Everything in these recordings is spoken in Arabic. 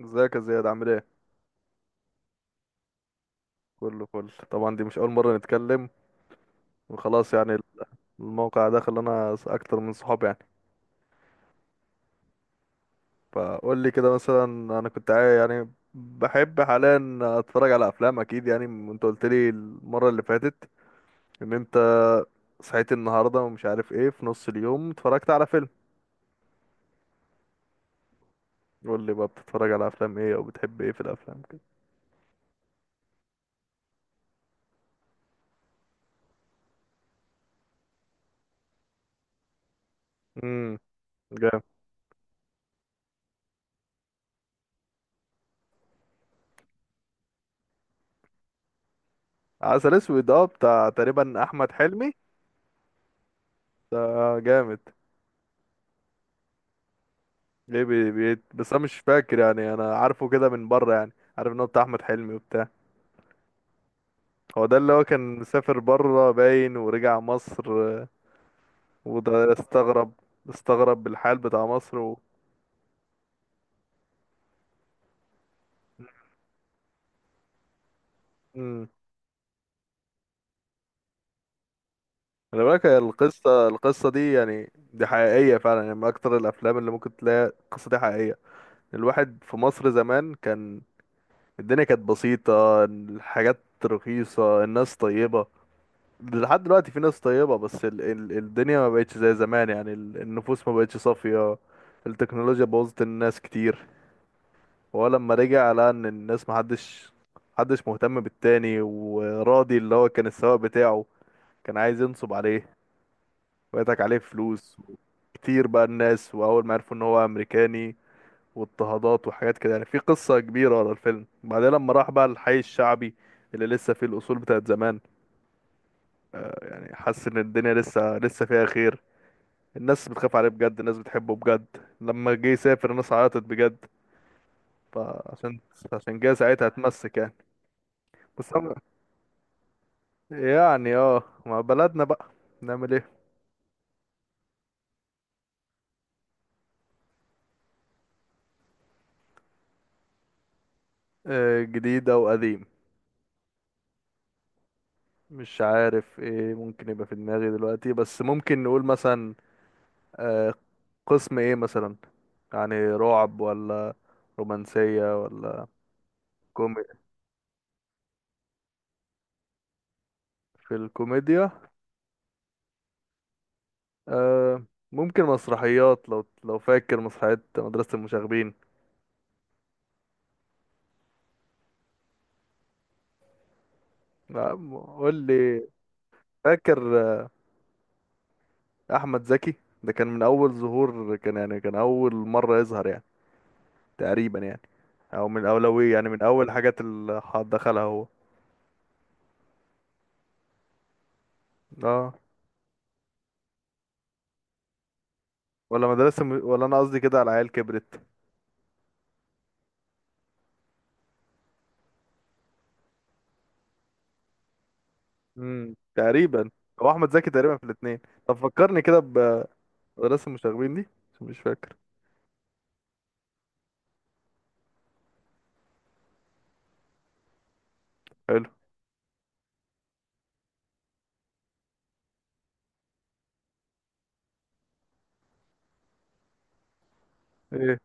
ازيك يا زياد، عامل ايه؟ كله فل طبعا. دي مش اول مره نتكلم وخلاص يعني. الموقع ده خلانا اكتر من صحاب يعني. فقول لي كده مثلا، انا كنت يعني بحب حاليا اتفرج على افلام اكيد يعني، انت قلت لي المره اللي فاتت ان انت صحيت النهارده ومش عارف ايه، في نص اليوم اتفرجت على فيلم. قول لي بقى، بتتفرج على افلام ايه؟ او بتحب ايه في الافلام كده؟ امم جامد. عسل اسود، اه، بتاع تقريبا احمد حلمي. ده جامد. ايه، بي بي بس انا مش فاكر يعني، انا عارفه كده من بره يعني. عارف ان هو بتاع احمد حلمي وبتاع. هو ده اللي هو كان مسافر بره باين ورجع مصر. وده استغرب. استغرب بالحال بتاع مصر و. امم خلي بالك، هي القصه دي يعني دي حقيقيه فعلا يعني، من اكتر الافلام اللي ممكن تلاقي القصه دي حقيقيه. الواحد في مصر زمان كان، الدنيا كانت بسيطه، الحاجات رخيصه، الناس طيبه. لحد دلوقتي في ناس طيبة، بس ال ال الدنيا ما بقتش زي زمان يعني، النفوس ما بقتش صافية. التكنولوجيا بوظت الناس كتير. وهو لما رجع لقى ان الناس محدش مهتم بالتاني وراضي، اللي هو كان السواق بتاعه كان عايز ينصب عليه ويضحك عليه فلوس كتير بقى الناس، واول ما عرفوا ان هو امريكاني واضطهادات وحاجات كده يعني، في قصة كبيرة ورا الفيلم. بعدين لما راح بقى الحي الشعبي اللي لسه فيه الاصول بتاعت زمان، يعني حس ان الدنيا لسه لسه فيها خير. الناس بتخاف عليه بجد، الناس بتحبه بجد. لما جه يسافر الناس عيطت بجد، فعشان جه ساعتها اتمسك يعني. بس أنا يعني اه، مع بلدنا بقى، نعمل ايه؟ جديد او قديم، مش عارف ايه ممكن يبقى في دماغي دلوقتي، بس ممكن نقول مثلا آه، قسم ايه مثلا؟ يعني رعب ولا رومانسية ولا كومي. في الكوميديا، آه، ممكن مسرحيات، لو فاكر مسرحية مدرسة المشاغبين. لا، قول لي. فاكر احمد زكي، ده كان من اول ظهور، كان يعني كان اول مره يظهر يعني، تقريبا يعني، او من اولويه يعني من اول حاجات اللي دخلها هو. اه، ولا ولا انا قصدي كده على عيال كبرت. تقريبا، هو احمد زكي تقريبا في الاثنين. طب فكرني كده بمدرسه المشاغبين دي، عشان مش فاكر. حلو، ايه؟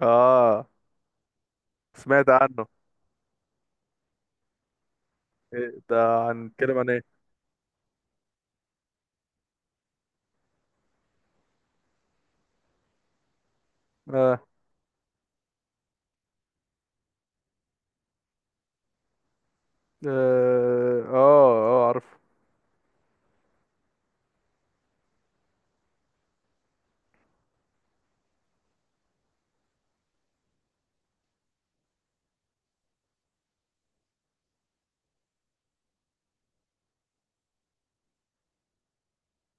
اه، سمعت عنه. إيه ده؟ هنتكلم عن ايه؟ اه، اه، اه، عارف.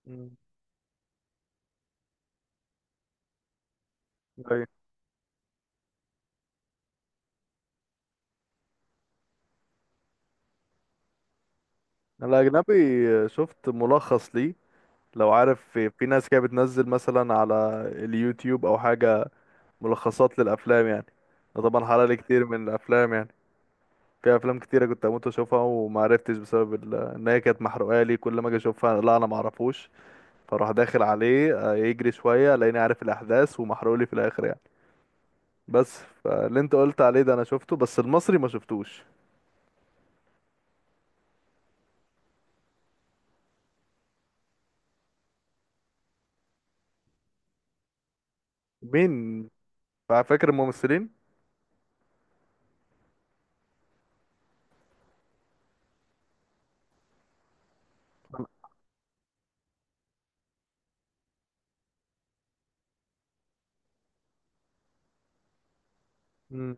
مم. أيوة. الأجنبي شفت ملخص ليه، لو عارف، في ناس كده بتنزل مثلا على اليوتيوب أو حاجة، ملخصات للأفلام يعني. أنا طبعا حرقلي كتير من الأفلام يعني. في أفلام كتيرة كنت هموت أشوفها ومعرفتش بسبب إن هي كانت محروقة لي، كل ما أجي أشوفها لا أنا معرفوش. فأروح داخل عليه يجري شوية ألاقيني عارف الأحداث ومحروقلي في الآخر يعني، بس. فاللي أنت قلت عليه ده أنا شفته، بس المصري ما شفتوش. مين، فاكر الممثلين؟ مم.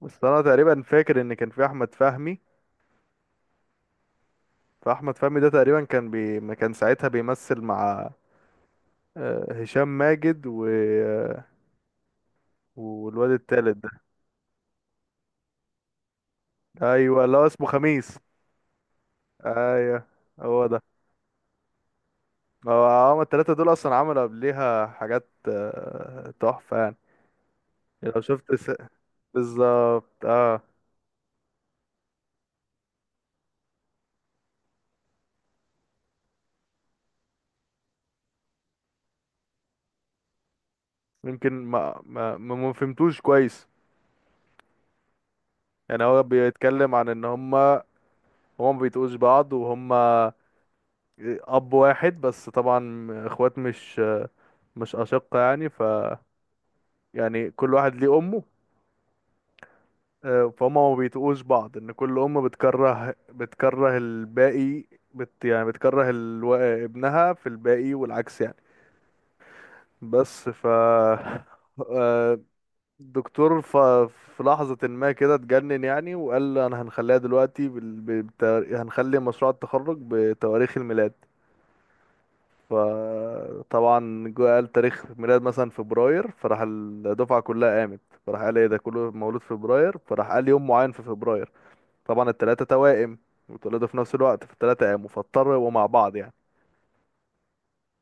بس أنا تقريبا فاكر إن كان في أحمد فهمي، فاحمد فهمي ده تقريبا كان ما كان ساعتها بيمثل مع هشام ماجد و والواد التالت ده. ايوه اللي هو اسمه خميس. ايوه، هو ده. هو هما التلاتة دول اصلا عملوا قبليها حاجات تحفة يعني. لو شفت بالظبط، اه. يمكن ما فهمتوش كويس. يعني هو بيتكلم عن ان هما، هما ما بيتقوش بعض وهما اب واحد بس طبعا اخوات، مش مش اشقة يعني، يعني كل واحد ليه امه. فهم ما بيتقوش بعض، ان كل ام بتكره بتكره الباقي، يعني بتكره ابنها في الباقي والعكس يعني. بس آه، الدكتور في لحظة ما كده اتجنن يعني، وقال انا هنخليها دلوقتي هنخلي مشروع التخرج بتواريخ الميلاد. فطبعا جو قال تاريخ ميلاد مثلا فبراير، فراح الدفعة كلها قامت، فراح قال ايه ده كله مولود في فبراير، فراح قال يوم معين في فبراير. طبعا التلاتة توائم، واتولدوا في نفس الوقت، فالتلاتة قاموا، فاضطروا يبقوا مع بعض يعني.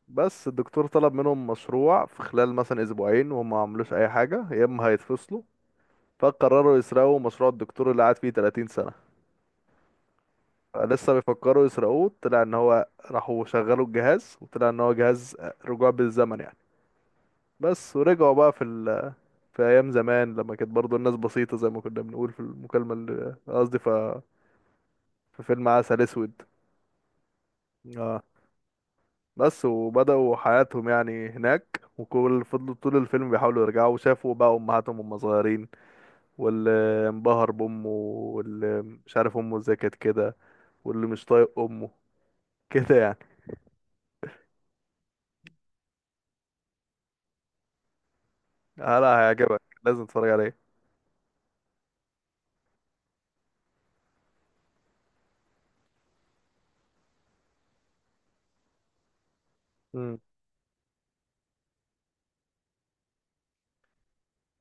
بس الدكتور طلب منهم مشروع في خلال مثلا اسبوعين، وهم ما عملوش اي حاجة يا اما هيتفصلوا. فقرروا يسرقوا مشروع الدكتور اللي قعد فيه 30 سنة. لسه بيفكروا يسرقوه، طلع ان هو راحوا شغلوا الجهاز، وطلع ان هو جهاز رجوع بالزمن يعني. بس ورجعوا بقى في، في ايام زمان لما كانت برضو الناس بسيطة زي ما كنا بنقول في المكالمة، اللي قصدي في فيلم عسل اسود. اه، بس وبدأوا حياتهم يعني هناك، وكل فضلوا طول الفيلم بيحاولوا يرجعوا، وشافوا بقى امهاتهم وهم صغيرين، واللي انبهر بامه، واللي مش عارف امه ازاي كانت كده، واللي مش طايق امه كده يعني. لا، هيعجبك، لازم تتفرج عليه.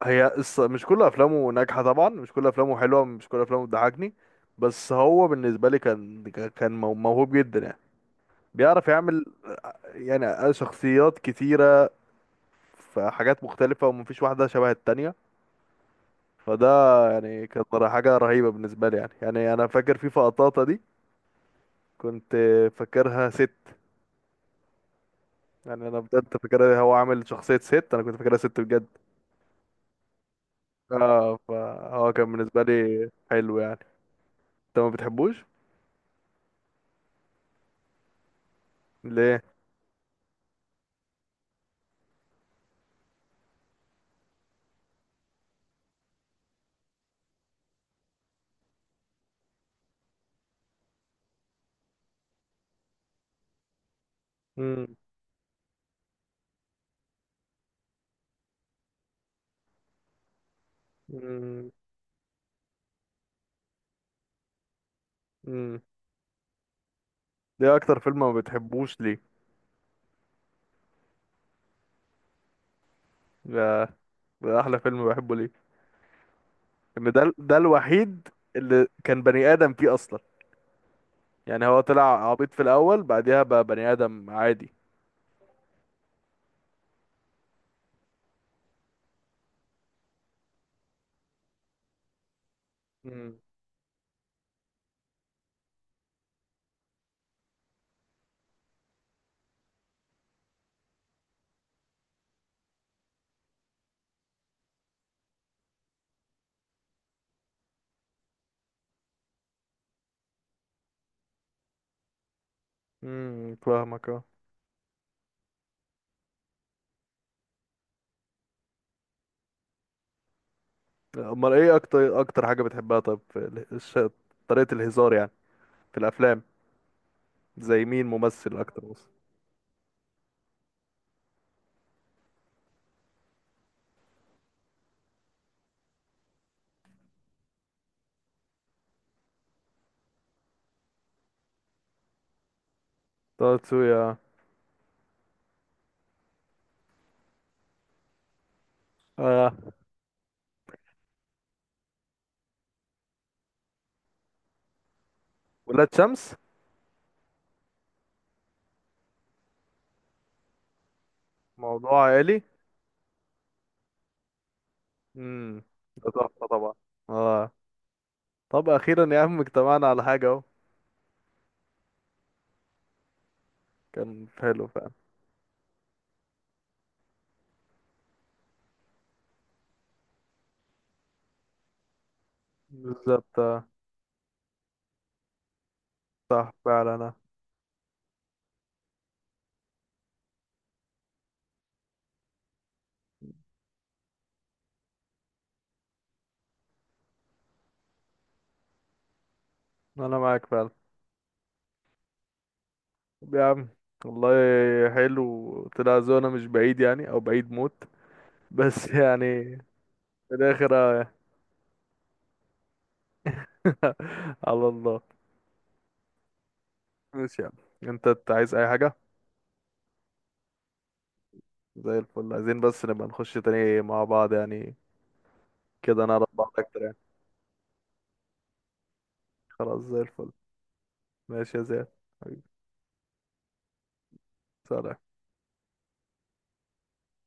هي مش كل افلامه ناجحه طبعا، مش كل افلامه حلوه، مش كل افلامه بتضحكني. بس هو بالنسبه لي كان، كان موهوب جدا يعني، بيعرف يعمل يعني شخصيات كتيره، في حاجات مختلفه ومفيش واحده شبه التانية. فده يعني كانت حاجه رهيبه بالنسبه لي يعني، انا فاكر في فقطاطه دي كنت فاكرها ست، يعني انا بجد فاكرها، هو عامل شخصيه ست انا كنت فاكرها ست بجد. اه، فهو كان بالنسبه لي حلو يعني، انت ما بتحبوش ليه؟ مم. مم. ده اكتر فيلم ما بتحبوش ليه؟ ده, ده احلى فيلم بحبه، ليه؟ ان ده الوحيد اللي كان بني ادم فيه اصلا. يعني هو طلع عبيط في الاول، بعديها بقى بني ادم عادي. امم فاهمك، اه. امال ايه اكتر اكتر حاجة بتحبها؟ طب في طريقة الهزار يعني، في الافلام، زي مين ممثل اكتر مثلا؟ طه دسوقي، اه. آه. ولاد شمس، موضوع عائلي. امم ده تحفة طبعا، اه. طب اخيرا يا عم، اجتمعنا على حاجه اهو. كان حلو فعلا. بالظبط. صح فعلا، انا انا معاك فعلا. طب يا عم، والله حلو. طلع ذوقنا مش بعيد يعني، او بعيد موت بس يعني في الاخر. على الله. ماشي يا عم، إنت عايز اي حاجه؟ زي الفل، عايزين بس نبقى نخش تاني مع بعض يعني، كده نعرف بعض اكتر يعني. خلاص، زي الفل. ماشي يا زياد، حبيبي. سلام.